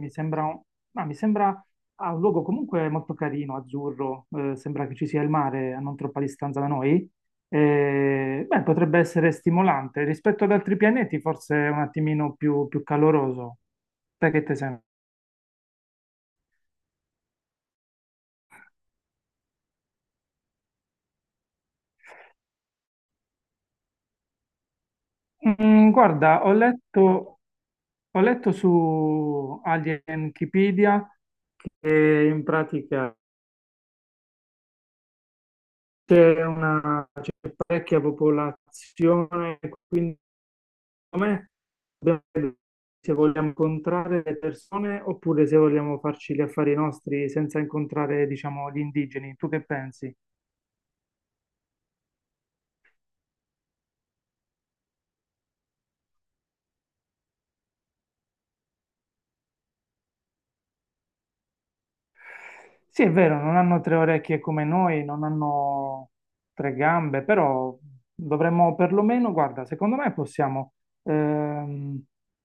Mi sembra, ma mi sembra un luogo comunque molto carino, azzurro, sembra che ci sia il mare a non troppa distanza da noi. Beh, potrebbe essere stimolante. Rispetto ad altri pianeti, forse è un attimino più caloroso. Sai che te sembra? Mm, guarda, ho letto su Alienkipedia e in pratica c'è parecchia popolazione, quindi me dobbiamo se vogliamo incontrare le persone oppure se vogliamo farci gli affari nostri senza incontrare, diciamo, gli indigeni. Tu che pensi? Sì, è vero, non hanno tre orecchie come noi, non hanno tre gambe, però dovremmo perlomeno, guarda, secondo me possiamo ehm,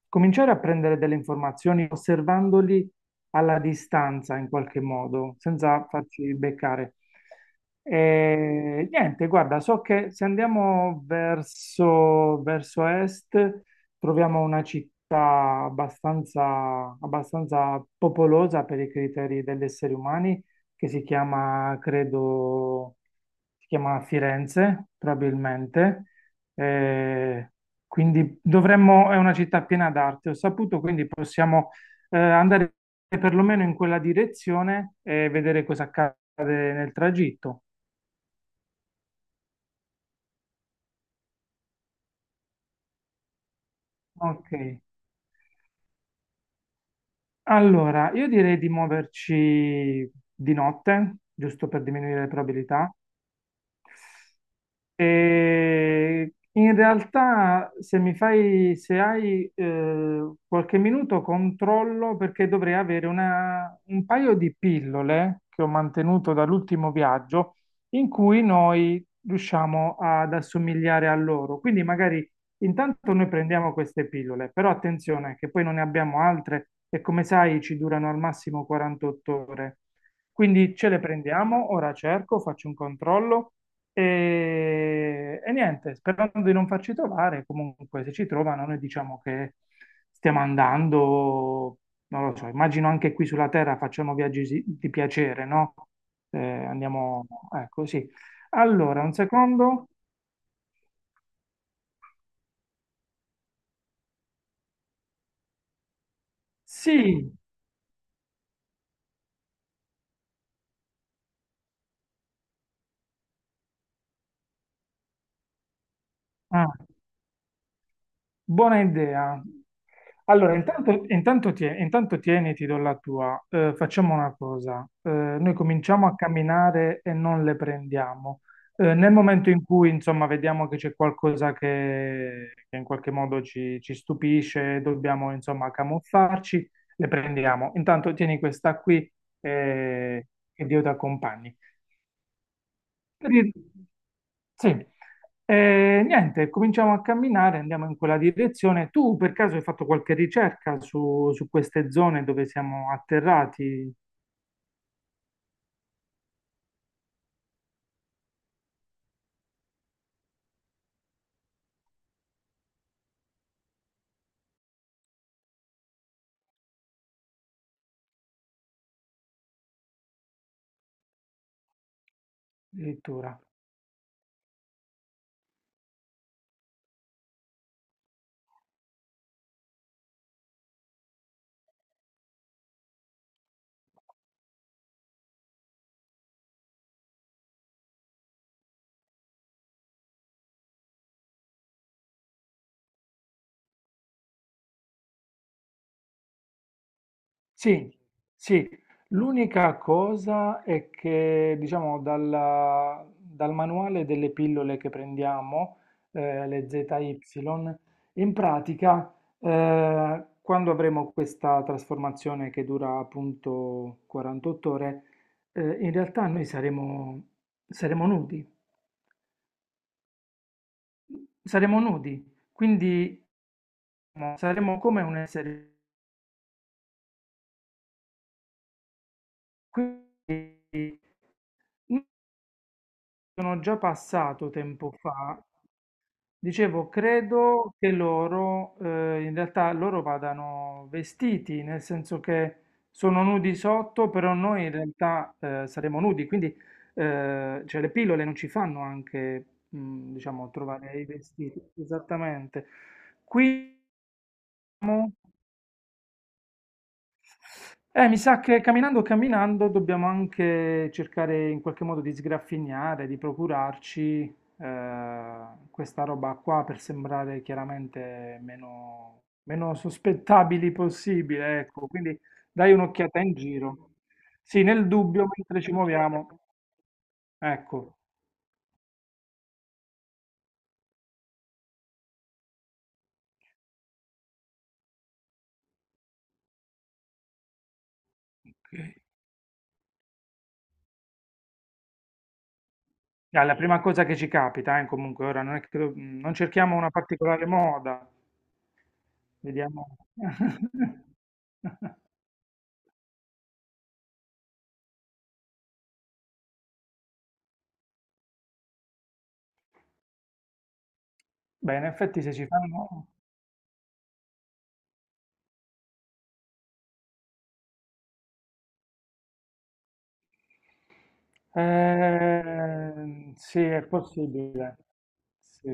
cominciare a prendere delle informazioni osservandoli alla distanza in qualche modo, senza farci beccare. E, niente, guarda, so che se andiamo verso est troviamo una città abbastanza popolosa per i criteri degli esseri umani, che si chiama, credo, si chiama Firenze, probabilmente. Eh, quindi dovremmo, è una città piena d'arte, ho saputo, quindi possiamo andare perlomeno in quella direzione e vedere cosa accade nel tragitto. Ok. Allora, io direi di muoverci di notte, giusto per diminuire le probabilità. E in realtà, se mi fai, se hai qualche minuto, controllo perché dovrei avere un paio di pillole che ho mantenuto dall'ultimo viaggio in cui noi riusciamo ad assomigliare a loro. Quindi magari intanto noi prendiamo queste pillole, però attenzione che poi non ne abbiamo altre e come sai ci durano al massimo 48 ore. Quindi ce le prendiamo, ora cerco, faccio un controllo. E niente, sperando di non farci trovare, comunque se ci trovano noi diciamo che stiamo andando, non lo so, immagino anche qui sulla Terra facciamo viaggi di piacere, no? Andiamo, ecco, sì. Allora, un secondo. Sì, ah. Buona idea. Allora, intanto tieni, ti do la tua. Facciamo una cosa. Noi cominciamo a camminare e non le prendiamo. Nel momento in cui, insomma, vediamo che c'è qualcosa che in qualche modo ci stupisce, dobbiamo, insomma, camuffarci, le prendiamo. Intanto tieni questa qui eh, e che Dio ti accompagni. Sì. E niente, cominciamo a camminare, andiamo in quella direzione. Tu per caso hai fatto qualche ricerca su queste zone dove siamo atterrati addirittura? Sì, sì, l'unica cosa è che, diciamo, dal manuale delle pillole che prendiamo, le ZY, in pratica, quando avremo questa trasformazione che dura appunto 48 ore, in realtà noi saremo, saremo nudi, saremo nudi, quindi saremo come un essere. Sono già passato tempo fa. Dicevo, credo che loro, in realtà loro vadano vestiti, nel senso che sono nudi sotto, però noi in realtà saremo nudi, quindi cioè le pillole non ci fanno anche, mm, diciamo, trovare i vestiti. Esattamente. Qui eh, mi sa che camminando camminando dobbiamo anche cercare in qualche modo di sgraffignare, di procurarci questa roba qua per sembrare chiaramente meno sospettabili possibile, ecco. Quindi dai un'occhiata in giro. Sì, nel dubbio, mentre ci muoviamo, ecco, è la prima cosa che ci capita, comunque ora non è che non cerchiamo una particolare moda. Vediamo. Beh, in effetti se ci fanno... sì, è possibile. Sì.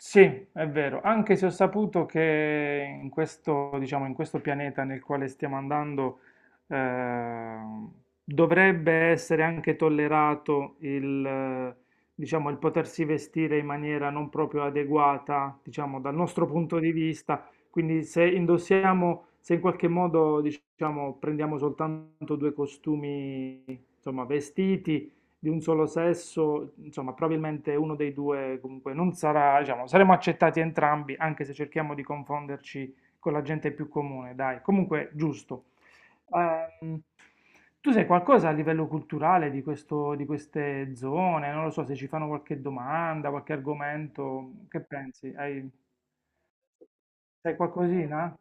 Sì, è vero, anche se ho saputo che in questo, diciamo, in questo pianeta nel quale stiamo andando ehm, dovrebbe essere anche tollerato il, diciamo, il potersi vestire in maniera non proprio adeguata, diciamo, dal nostro punto di vista. Quindi se indossiamo, se in qualche modo, diciamo, prendiamo soltanto due costumi, insomma, vestiti, di un solo sesso, insomma, probabilmente uno dei due comunque non sarà, diciamo, saremo accettati entrambi, anche se cerchiamo di confonderci con la gente più comune, dai, comunque giusto. Ehm, tu sai qualcosa a livello culturale di questo, di queste zone? Non lo so se ci fanno qualche domanda, qualche argomento, che pensi? Hai, sai qualcosina?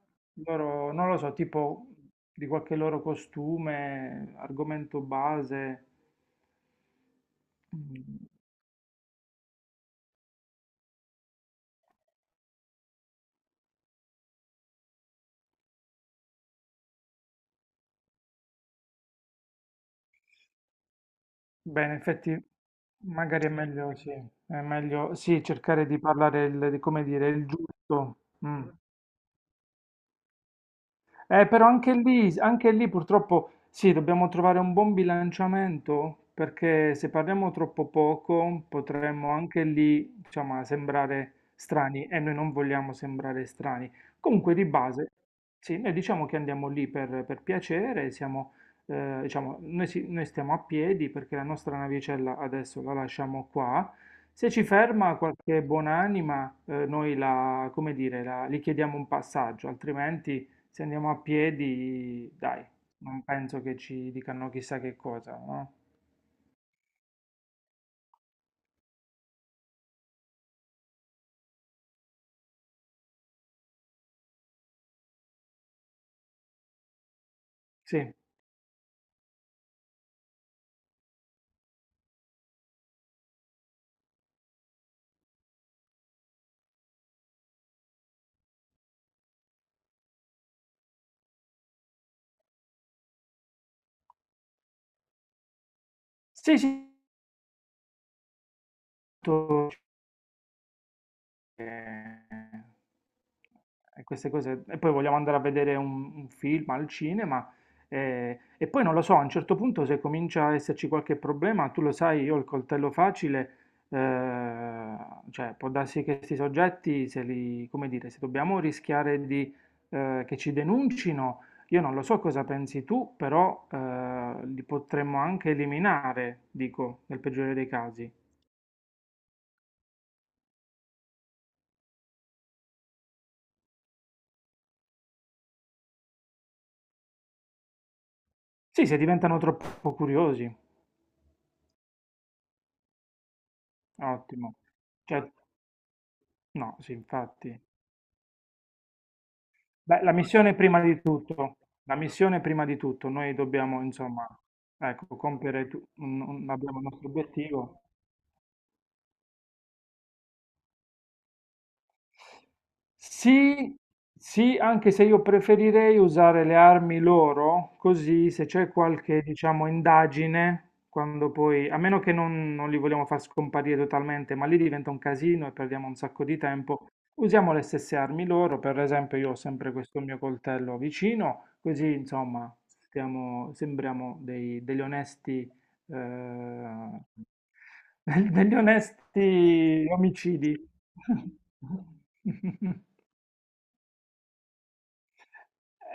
Loro, non lo so, tipo di qualche loro costume, argomento base. Mm. Beh, in effetti magari è meglio, sì, cercare di parlare il, di come dire, il giusto. Mm. Però anche lì purtroppo sì, dobbiamo trovare un buon bilanciamento perché se parliamo troppo poco potremmo anche lì, insomma, sembrare strani e noi non vogliamo sembrare strani. Comunque di base, sì, noi diciamo che andiamo lì per piacere, siamo, diciamo, noi stiamo a piedi perché la nostra navicella adesso la lasciamo qua. Se ci ferma qualche buonanima, noi la, come dire, gli chiediamo un passaggio, altrimenti... Se andiamo a piedi, dai, non penso che ci dicano chissà che cosa, no? Sì, sì, tutto e e queste cose. E poi vogliamo andare a vedere un film al cinema. E poi non lo so, a un certo punto se comincia a esserci qualche problema, tu lo sai, io ho il coltello facile, eh, cioè può darsi che questi soggetti, se li, come dire, se dobbiamo rischiare di, che ci denuncino, io non lo so cosa pensi tu, però li potremmo anche eliminare, dico, nel peggiore dei casi. Sì, se diventano troppo curiosi. Ottimo. Cioè, no, sì, infatti. Beh, la missione prima di tutto, noi dobbiamo, insomma, ecco, compiere abbiamo il nostro obiettivo. Sì, sì, anche se io preferirei usare le armi loro, così se c'è qualche, diciamo, indagine, quando poi, a meno che non li vogliamo far scomparire totalmente, ma lì diventa un casino e perdiamo un sacco di tempo, usiamo le stesse armi loro, per esempio io ho sempre questo mio coltello vicino, così insomma stiamo, sembriamo degli onesti eh, degli onesti omicidi.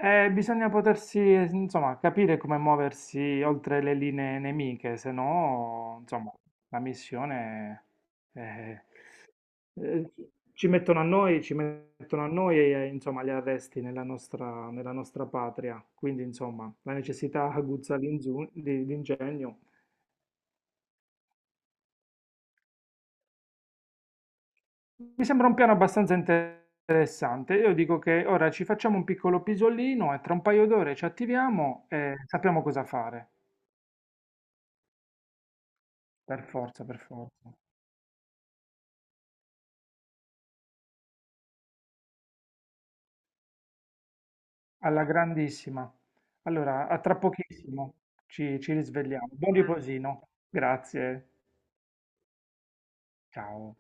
Bisogna potersi, insomma, capire come muoversi oltre le linee nemiche, se no, insomma, la missione eh, eh, ci mettono a noi e, insomma, gli arresti nella nostra patria. Quindi, insomma, la necessità aguzza l'ingegno. Mi sembra un piano abbastanza interessante. Io dico che ora ci facciamo un piccolo pisolino e tra un paio d'ore ci attiviamo e sappiamo cosa fare. Per forza, per forza. Alla grandissima. Allora, a tra pochissimo ci risvegliamo. Buon riposino. Grazie. Ciao.